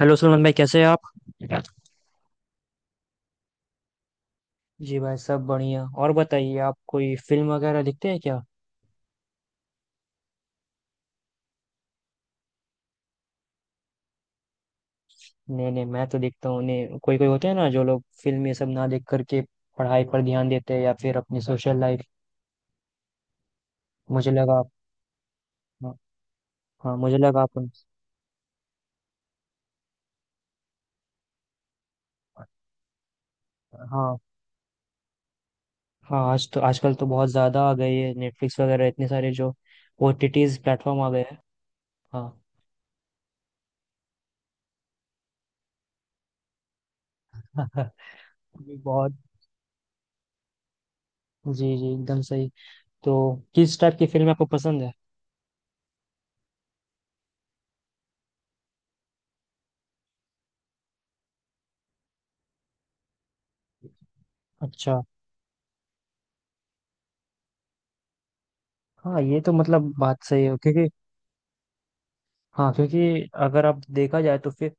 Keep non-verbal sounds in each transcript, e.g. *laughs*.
Hello Suman भाई, कैसे हैं आप? जी भाई, सब बढ़िया। और बताइए, आप कोई फिल्म वगैरह देखते हैं क्या? नहीं नहीं, मैं तो देखता हूँ। नहीं, कोई कोई होते हैं ना जो लोग फिल्म ये सब ना देख करके पढ़ाई पर ध्यान देते हैं या फिर अपनी सोशल लाइफ। मुझे लगा आप। हाँ। हाँ, मुझे लगा आप उन- हाँ। हाँ, आज तो आजकल तो बहुत ज़्यादा आ गई है। नेटफ्लिक्स वगैरह इतने सारे जो ओटीटीज प्लेटफॉर्म आ गए हैं। हाँ। *laughs* ये बहुत। जी जी, एकदम सही। तो किस टाइप की फिल्म आपको पसंद है? अच्छा। हाँ, ये तो मतलब बात सही है क्योंकि हाँ, क्योंकि अगर आप देखा जाए तो फिर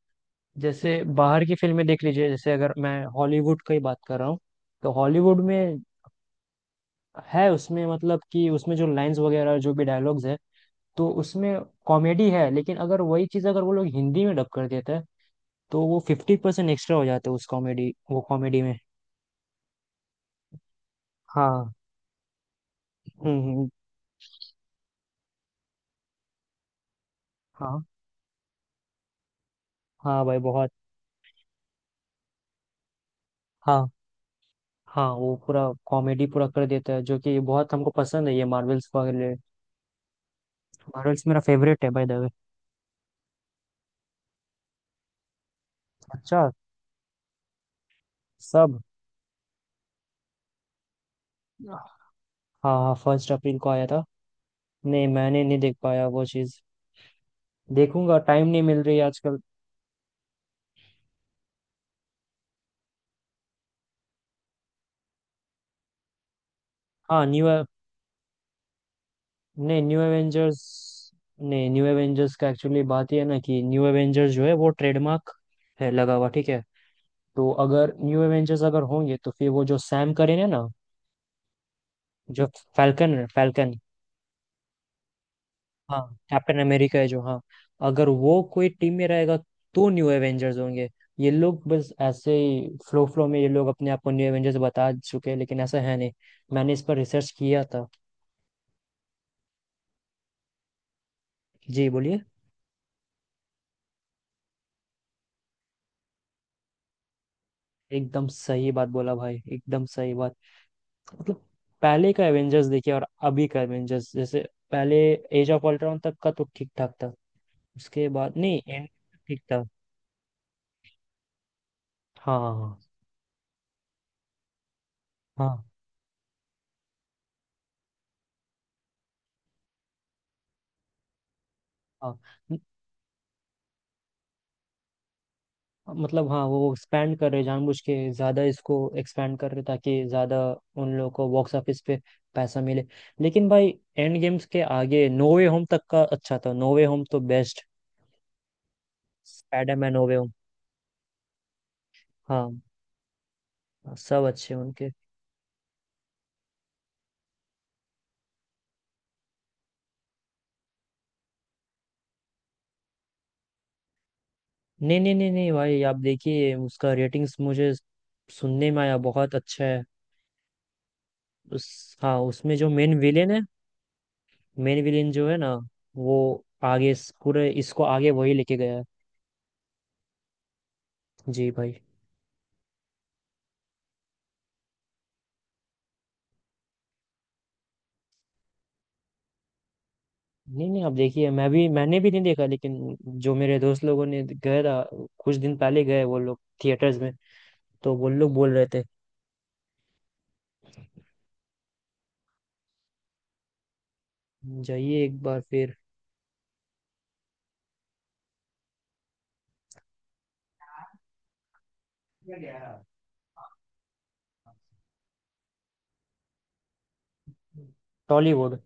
जैसे बाहर की फिल्में देख लीजिए। जैसे अगर मैं हॉलीवुड की बात कर रहा हूँ तो हॉलीवुड में है उसमें, मतलब कि उसमें जो लाइंस वगैरह जो भी डायलॉग्स है तो उसमें कॉमेडी है, लेकिन अगर वही चीज़ अगर वो लोग हिंदी में डब कर देते हैं तो वो 50% एक्स्ट्रा हो जाता है उस कॉमेडी वो कॉमेडी में। हाँ। हम्म हम्म। हाँ। हाँ भाई, बहुत। हाँ। हाँ, वो पूरा कॉमेडी पूरा कर देता है, जो कि बहुत हमको पसंद है, ये मार्वल्स वगैरह। मार्वल्स मेरा फेवरेट है भाई, द वे। अच्छा। सब। हाँ। हाँ, 1 अप्रैल को आया था। नहीं, मैंने नहीं देख पाया वो चीज। देखूंगा, टाइम नहीं मिल रही आजकल। हाँ, न्यू। नहीं, न्यू एवेंजर्स। नहीं, न्यू एवेंजर्स का एक्चुअली बात ये है ना कि न्यू एवेंजर्स जो है वो ट्रेडमार्क है लगा हुआ, ठीक है। तो अगर न्यू एवेंजर्स अगर होंगे तो फिर वो जो सैम करेन है ना जो फैल्कन है, फैल्कन। हाँ। कैप्टन अमेरिका है जो। हाँ। अगर वो कोई टीम में रहेगा तो न्यू एवेंजर्स होंगे। ये लोग बस ऐसे ही फ्लो फ्लो में, ये लोग अपने आप को न्यू एवेंजर्स बता चुके हैं, लेकिन ऐसा है नहीं। मैंने इस पर रिसर्च किया था। जी, बोलिए। एकदम सही बात बोला भाई, एकदम सही बात। मतलब। पहले का एवेंजर्स देखिए और अभी का एवेंजर्स जैसे पहले एज ऑफ अल्ट्रॉन तक का तो ठीक ठाक था। उसके बाद नहीं। एंड। ठीक था। हाँ हाँ। हाँ हाँ हाँ। मतलब, हाँ, वो एक्सपैंड कर रहे हैं, जानबूझ के ज़्यादा इसको एक्सपैंड कर रहे हैं ताकि ज़्यादा उन लोगों को बॉक्स ऑफिस पे पैसा मिले। लेकिन भाई, एंड गेम्स के आगे नो वे होम तक का अच्छा था। नो वे होम तो best. Spiderman no way home. हाँ। सब अच्छे हैं उनके। नहीं नहीं नहीं नहीं भाई, आप देखिए, उसका रेटिंग्स मुझे सुनने में आया, बहुत अच्छा है। उस हाँ, उसमें जो मेन विलेन है मेन विलेन जो है ना, वो आगे पूरे इसको आगे वही लेके गया है। जी भाई। नहीं नहीं, आप देखिए, मैंने भी नहीं देखा, लेकिन जो मेरे दोस्त लोगों ने गए था कुछ दिन पहले, गए वो लोग थिएटर्स में, तो वो लोग बोल रहे थे। जाइए एक बार फिर। टॉलीवुड।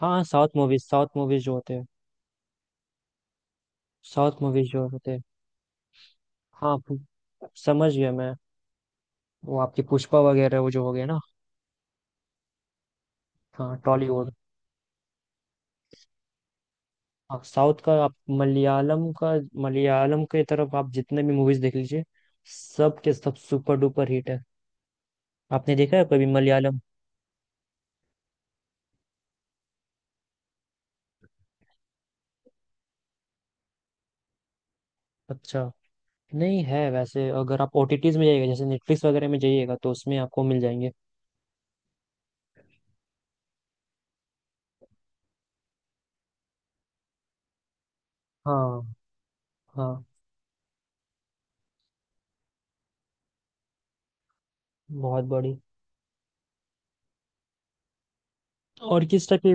हाँ, साउथ मूवीज, साउथ मूवीज जो होते हैं, साउथ मूवीज जो होते हैं। हाँ, पु- समझ गया मैं। वो आपकी पुष्पा वगैरह वो जो हो गया ना। हाँ, टॉलीवुड। हाँ, साउथ का, आप मलयालम का। मलयालम के तरफ आप जितने भी मूवीज देख लीजिए, सब के सब सुपर डुपर हिट है। आपने देखा है कभी मलयालम? अच्छा। नहीं है वैसे, अगर आप ओटीटीज में जाइएगा, जैसे नेटफ्लिक्स वगैरह में जाइएगा, तो उसमें आपको मिल जाएंगे। हाँ। हाँ, बहुत बड़ी। और किस टाइप की?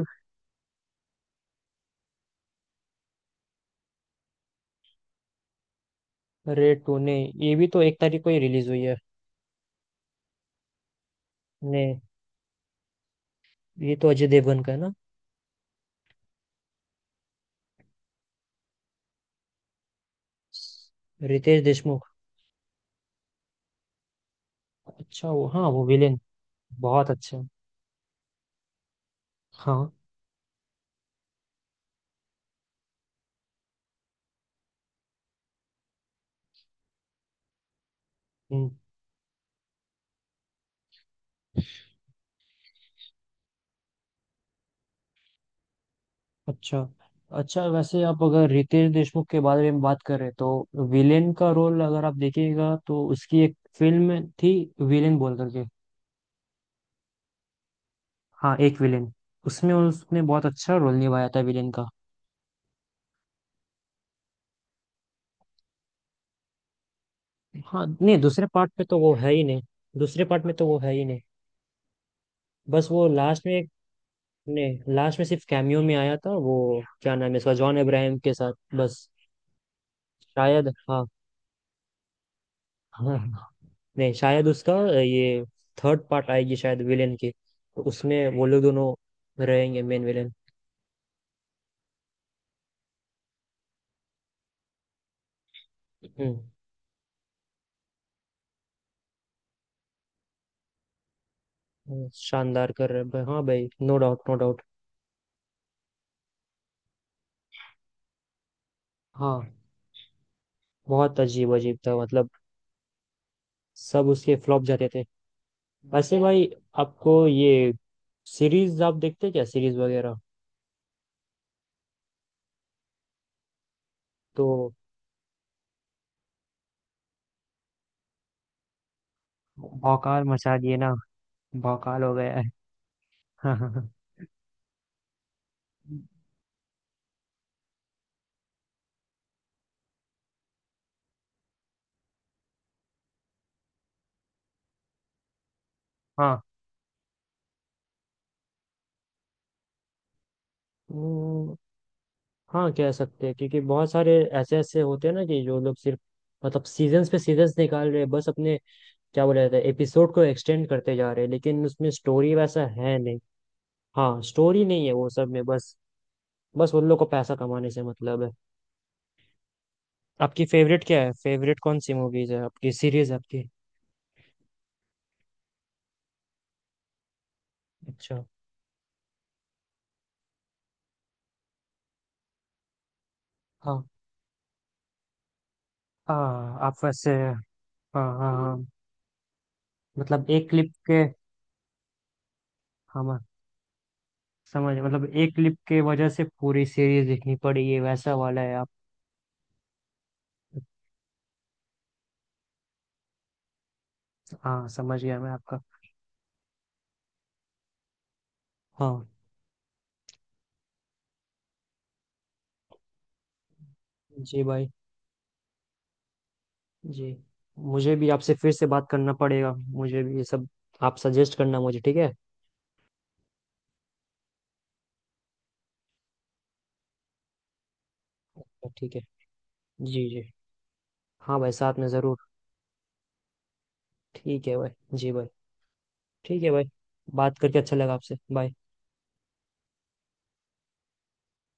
रेड टू ने, ये भी तो 1 तारीख को ही रिलीज हुई है। ने, ये तो अजय देवगन का है ना। रितेश देशमुख। अच्छा, वो, हाँ, वो विलेन बहुत अच्छा है। हाँ। हम्म। अच्छा। अच्छा, वैसे आप अगर रितेश देशमुख के बारे में बात करें तो विलेन का रोल अगर आप देखिएगा तो उसकी एक फिल्म थी, विलेन बोल करके। हाँ, एक विलेन। उसमें उसने बहुत अच्छा रोल निभाया था विलेन का। हाँ। नहीं, दूसरे पार्ट में तो वो है ही नहीं। दूसरे पार्ट में तो वो है ही नहीं, बस वो लास्ट में। नहीं, लास्ट में सिर्फ कैमियो में आया था। वो क्या नाम है इसका, जॉन अब्राहम के साथ, बस। शायद हाँ। *laughs* हाँ। नहीं शायद उसका ये थर्ड पार्ट आएगी शायद विलेन की, तो उसमें वो लोग दोनों रहेंगे मेन विलेन। हम्म। शानदार कर रहे हैं भाई, हाँ भाई, नो डाउट, नो डाउट। हाँ। बहुत अजीब अजीब था मतलब। सब उसके फ्लॉप जाते थे। वैसे भाई, आपको ये सीरीज आप देखते हैं क्या, सीरीज वगैरह? तो भौकाल मचा दिए ना। भौकाल हो गया है। *laughs* हाँ। हम्म, हाँ, कह सकते हैं, क्योंकि बहुत सारे ऐसे ऐसे होते हैं ना कि जो लोग सिर्फ मतलब सीजन्स पे सीजन्स निकाल रहे हैं, बस अपने क्या बोला जाता है, एपिसोड को एक्सटेंड करते जा रहे हैं, लेकिन उसमें स्टोरी वैसा है नहीं। हाँ, स्टोरी नहीं है वो सब में, बस बस उन लोग को पैसा कमाने से मतलब है। आपकी फेवरेट क्या है? फेवरेट कौन सी मूवीज है आपकी, सीरीज आपकी? अच्छा। हाँ हाँ, आप वैसे, हाँ। हाँ हाँ। मतलब एक क्लिप के। हम। समझ, मतलब एक क्लिप के वजह से पूरी सीरीज देखनी पड़ी, ये वैसा वाला है आप। हाँ, समझ गया मैं आपका। हाँ। जी भाई। जी। मुझे भी आपसे फिर से बात करना पड़ेगा, मुझे भी ये सब आप सजेस्ट करना मुझे, ठीक है। ठीक है। जी जी। हाँ भाई, साथ में ज़रूर। ठीक है भाई। जी भाई। ठीक है भाई। बात करके अच्छा लगा आपसे। बाय।